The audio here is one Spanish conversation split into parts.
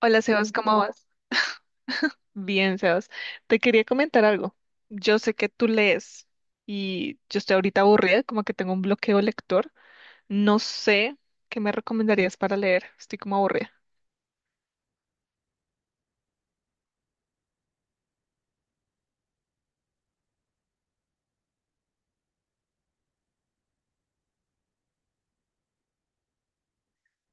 Hola Sebas, ¿cómo vas? Bien, Sebas. Te quería comentar algo. Yo sé que tú lees y yo estoy ahorita aburrida, como que tengo un bloqueo lector. No sé qué me recomendarías para leer. Estoy como aburrida.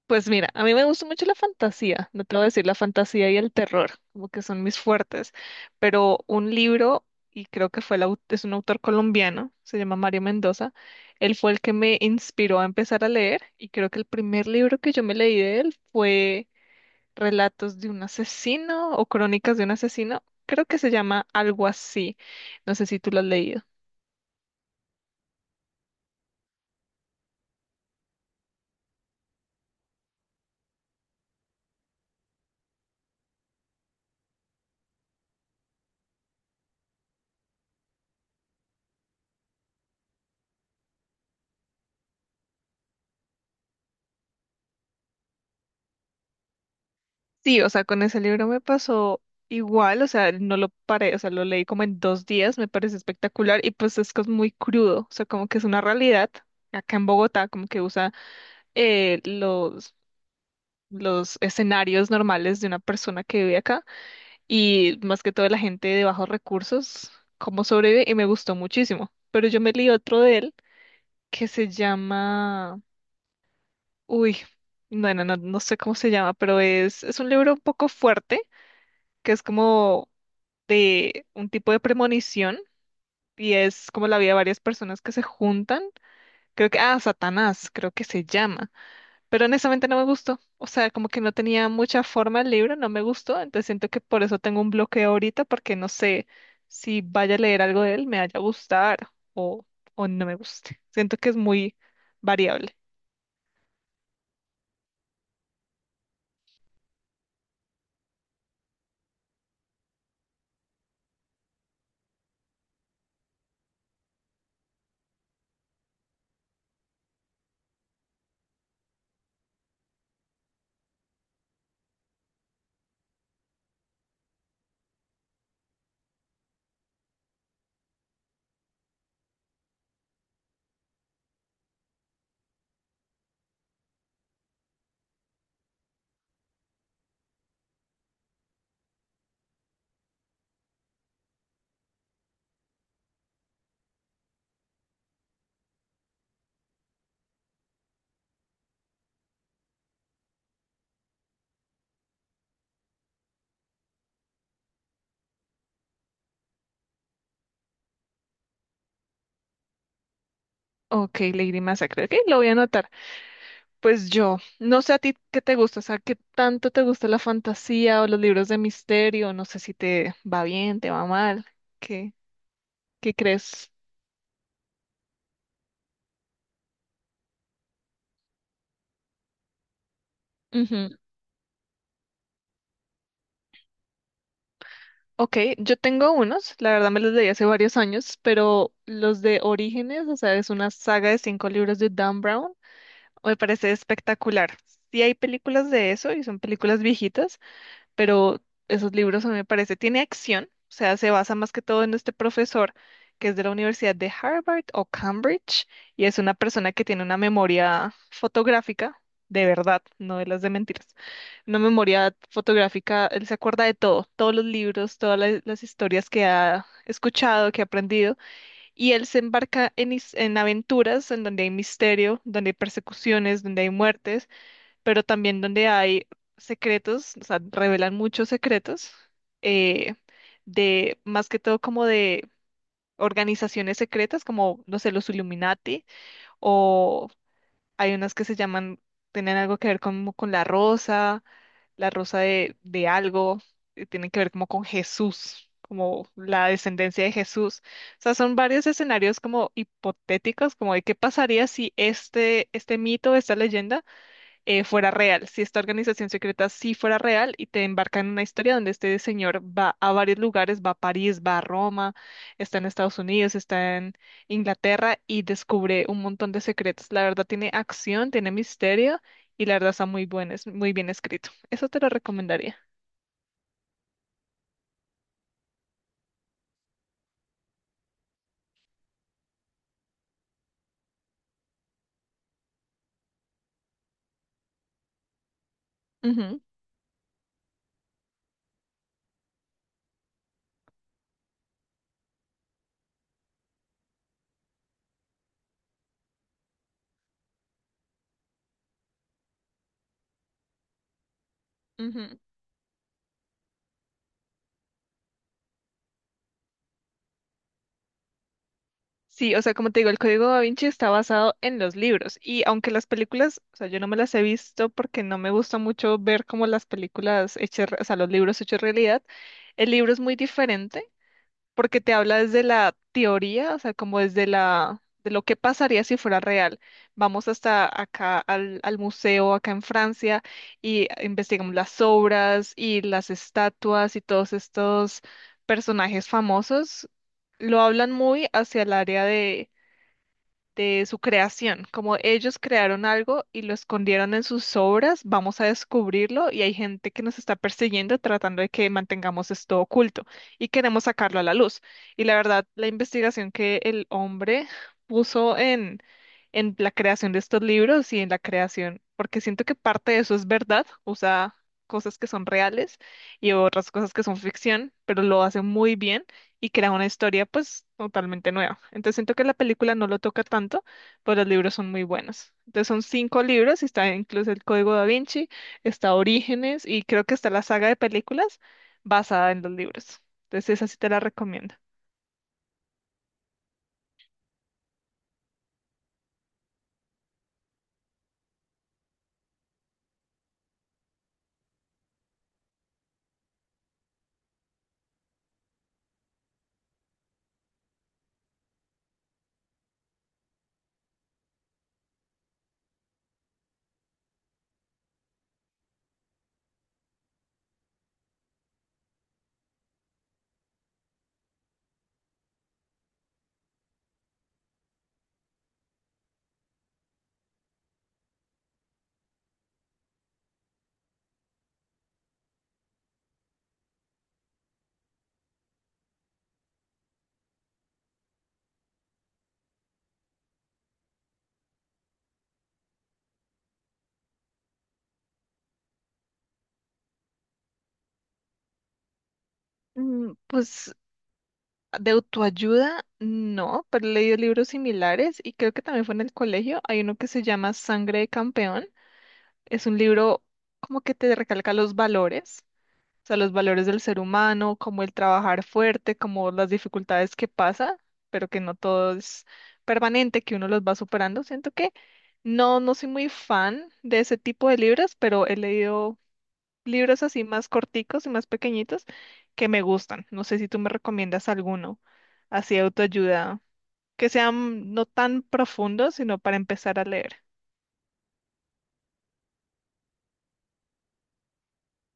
Pues mira, a mí me gusta mucho la fantasía, no te voy a decir la fantasía y el terror, como que son mis fuertes, pero un libro, y creo que fue es un autor colombiano, se llama Mario Mendoza, él fue el que me inspiró a empezar a leer y creo que el primer libro que yo me leí de él fue Relatos de un asesino o Crónicas de un asesino. Creo que se llama algo así. No sé si tú lo has leído. Sí, o sea, con ese libro me pasó igual, o sea, no lo paré, o sea, lo leí como en 2 días, me parece espectacular y pues es que es muy crudo, o sea, como que es una realidad acá en Bogotá, como que usa eh, los, los escenarios normales de una persona que vive acá y más que todo la gente de bajos recursos, cómo sobrevive y me gustó muchísimo. Pero yo me leí otro de él que se llama, uy, bueno, no, no sé cómo se llama, pero es un libro un poco fuerte, que es como de un tipo de premonición y es como la vida de varias personas que se juntan. Creo que, ah, Satanás, creo que se llama, pero honestamente no me gustó, o sea, como que no tenía mucha forma el libro, no me gustó, entonces siento que por eso tengo un bloqueo ahorita, porque no sé si vaya a leer algo de él, me vaya a gustar o, o no me guste. Siento que es muy variable. Ok, Lady Massacre. Ok, lo voy a anotar. Pues yo, no sé a ti qué te gusta, o sea, qué tanto te gusta la fantasía o los libros de misterio, no sé si te va bien, te va mal, ¿qué, qué crees? Ujú. Ok, yo tengo unos, la verdad me los leí hace varios años, pero los de Orígenes, o sea, es una saga de cinco libros de Dan Brown, me parece espectacular. Sí hay películas de eso y son películas viejitas, pero esos libros a mí me parece, tiene acción, o sea, se basa más que todo en este profesor que es de la Universidad de Harvard o Cambridge y es una persona que tiene una memoria fotográfica de verdad, no de las de mentiras. Una memoria fotográfica, él se acuerda de todo, todos los libros, todas las historias que ha escuchado, que ha aprendido y él se embarca en aventuras en donde hay misterio, donde hay persecuciones, donde hay muertes pero también donde hay secretos, o sea, revelan muchos secretos eh, de más que todo como de organizaciones secretas, como, no sé, los Illuminati, o hay unas que se llaman, tienen algo que ver como con la rosa de algo, y tienen que ver como con Jesús, como la descendencia de Jesús. O sea, son varios escenarios como hipotéticos, como de qué pasaría si este mito, esta leyenda fuera real, si esta organización secreta sí fuera real y te embarca en una historia donde este señor va a varios lugares, va a París, va a Roma, está en Estados Unidos, está en Inglaterra y descubre un montón de secretos. La verdad tiene acción, tiene misterio y la verdad está muy bueno, es muy bien escrito. Eso te lo recomendaría. Ujú, ujú. Sí, o sea, como te digo, el Código Da Vinci está basado en los libros y aunque las películas, o sea, yo no me las he visto porque no me gusta mucho ver como las películas hechas, o sea, los libros hechos realidad, el libro es muy diferente porque te habla desde la teoría, o sea, como desde de lo que pasaría si fuera real. Vamos hasta acá al museo, acá en Francia, y investigamos las obras y las estatuas y todos estos personajes famosos. Lo hablan muy hacia el área de su creación, como ellos crearon algo y lo escondieron en sus obras, vamos a descubrirlo y hay gente que nos está persiguiendo tratando de que mantengamos esto oculto y queremos sacarlo a la luz. Y la verdad, la investigación que el hombre puso en la creación de estos libros y en la creación, porque siento que parte de eso es verdad, usa cosas que son reales y otras cosas que son ficción, pero lo hace muy bien y crea una historia pues totalmente nueva. Entonces siento que la película no lo toca tanto, pero los libros son muy buenos. Entonces son cinco libros, y está incluso el Código da Vinci, está Orígenes y creo que está la saga de películas basada en los libros. Entonces esa sí te la recomiendo. Pues de autoayuda, no, pero he leído libros similares y creo que también fue en el colegio. Hay uno que se llama Sangre de Campeón. Es un libro como que te recalca los valores. O sea, los valores del ser humano, como el trabajar fuerte, como las dificultades que pasa, pero que no todo es permanente, que uno los va superando. Siento que no, no soy muy fan de ese tipo de libros, pero he leído libros así más corticos y más pequeñitos que me gustan. No sé si tú me recomiendas alguno, así de autoayuda, que sean no tan profundos, sino para empezar a leer.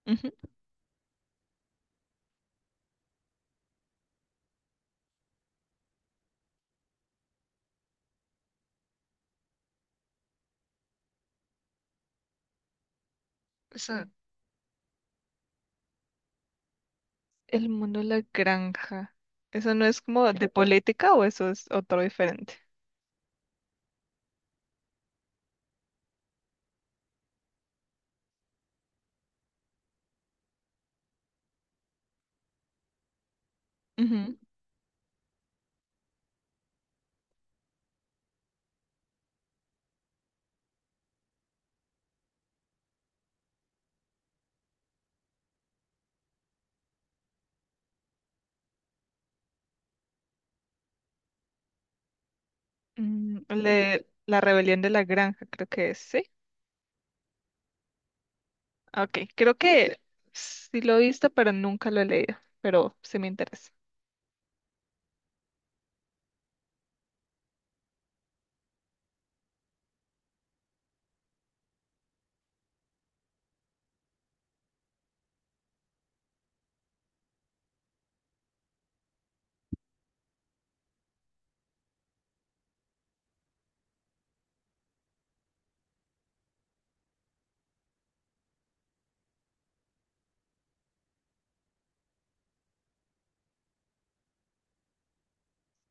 Ujú. El mundo de la granja. ¿Eso no es como de política o eso es otro diferente? Ujú. La rebelión de la granja, creo que es, ¿sí? Ah, Ok, creo que sí lo he visto, pero nunca lo he leído, pero sí me interesa.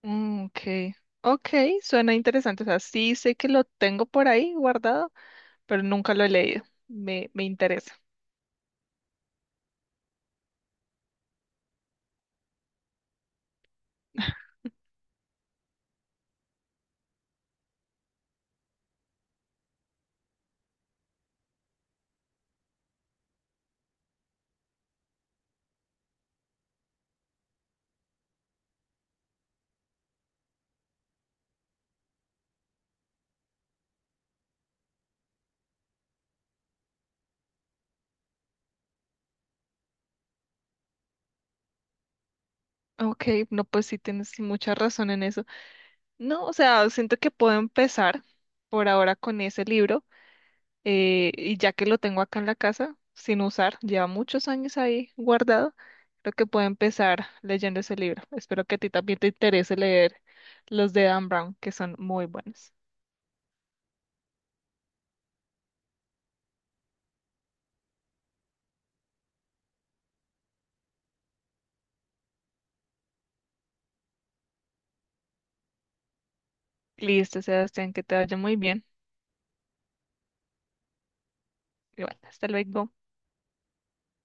Mm, ok, ok, suena interesante. O sea, sí sé que lo tengo por ahí guardado, pero nunca lo he leído. Me interesa. Ok, no, pues sí tienes mucha razón en eso. No, o sea, siento que puedo empezar por ahora con ese libro y ya que lo tengo acá en la casa, sin usar, lleva muchos años ahí guardado, creo que puedo empezar leyendo ese libro. Espero que a ti también te interese leer los de Dan Brown, que son muy buenos. Listo, Sebastián, que te vaya muy bien. Y bueno, hasta luego.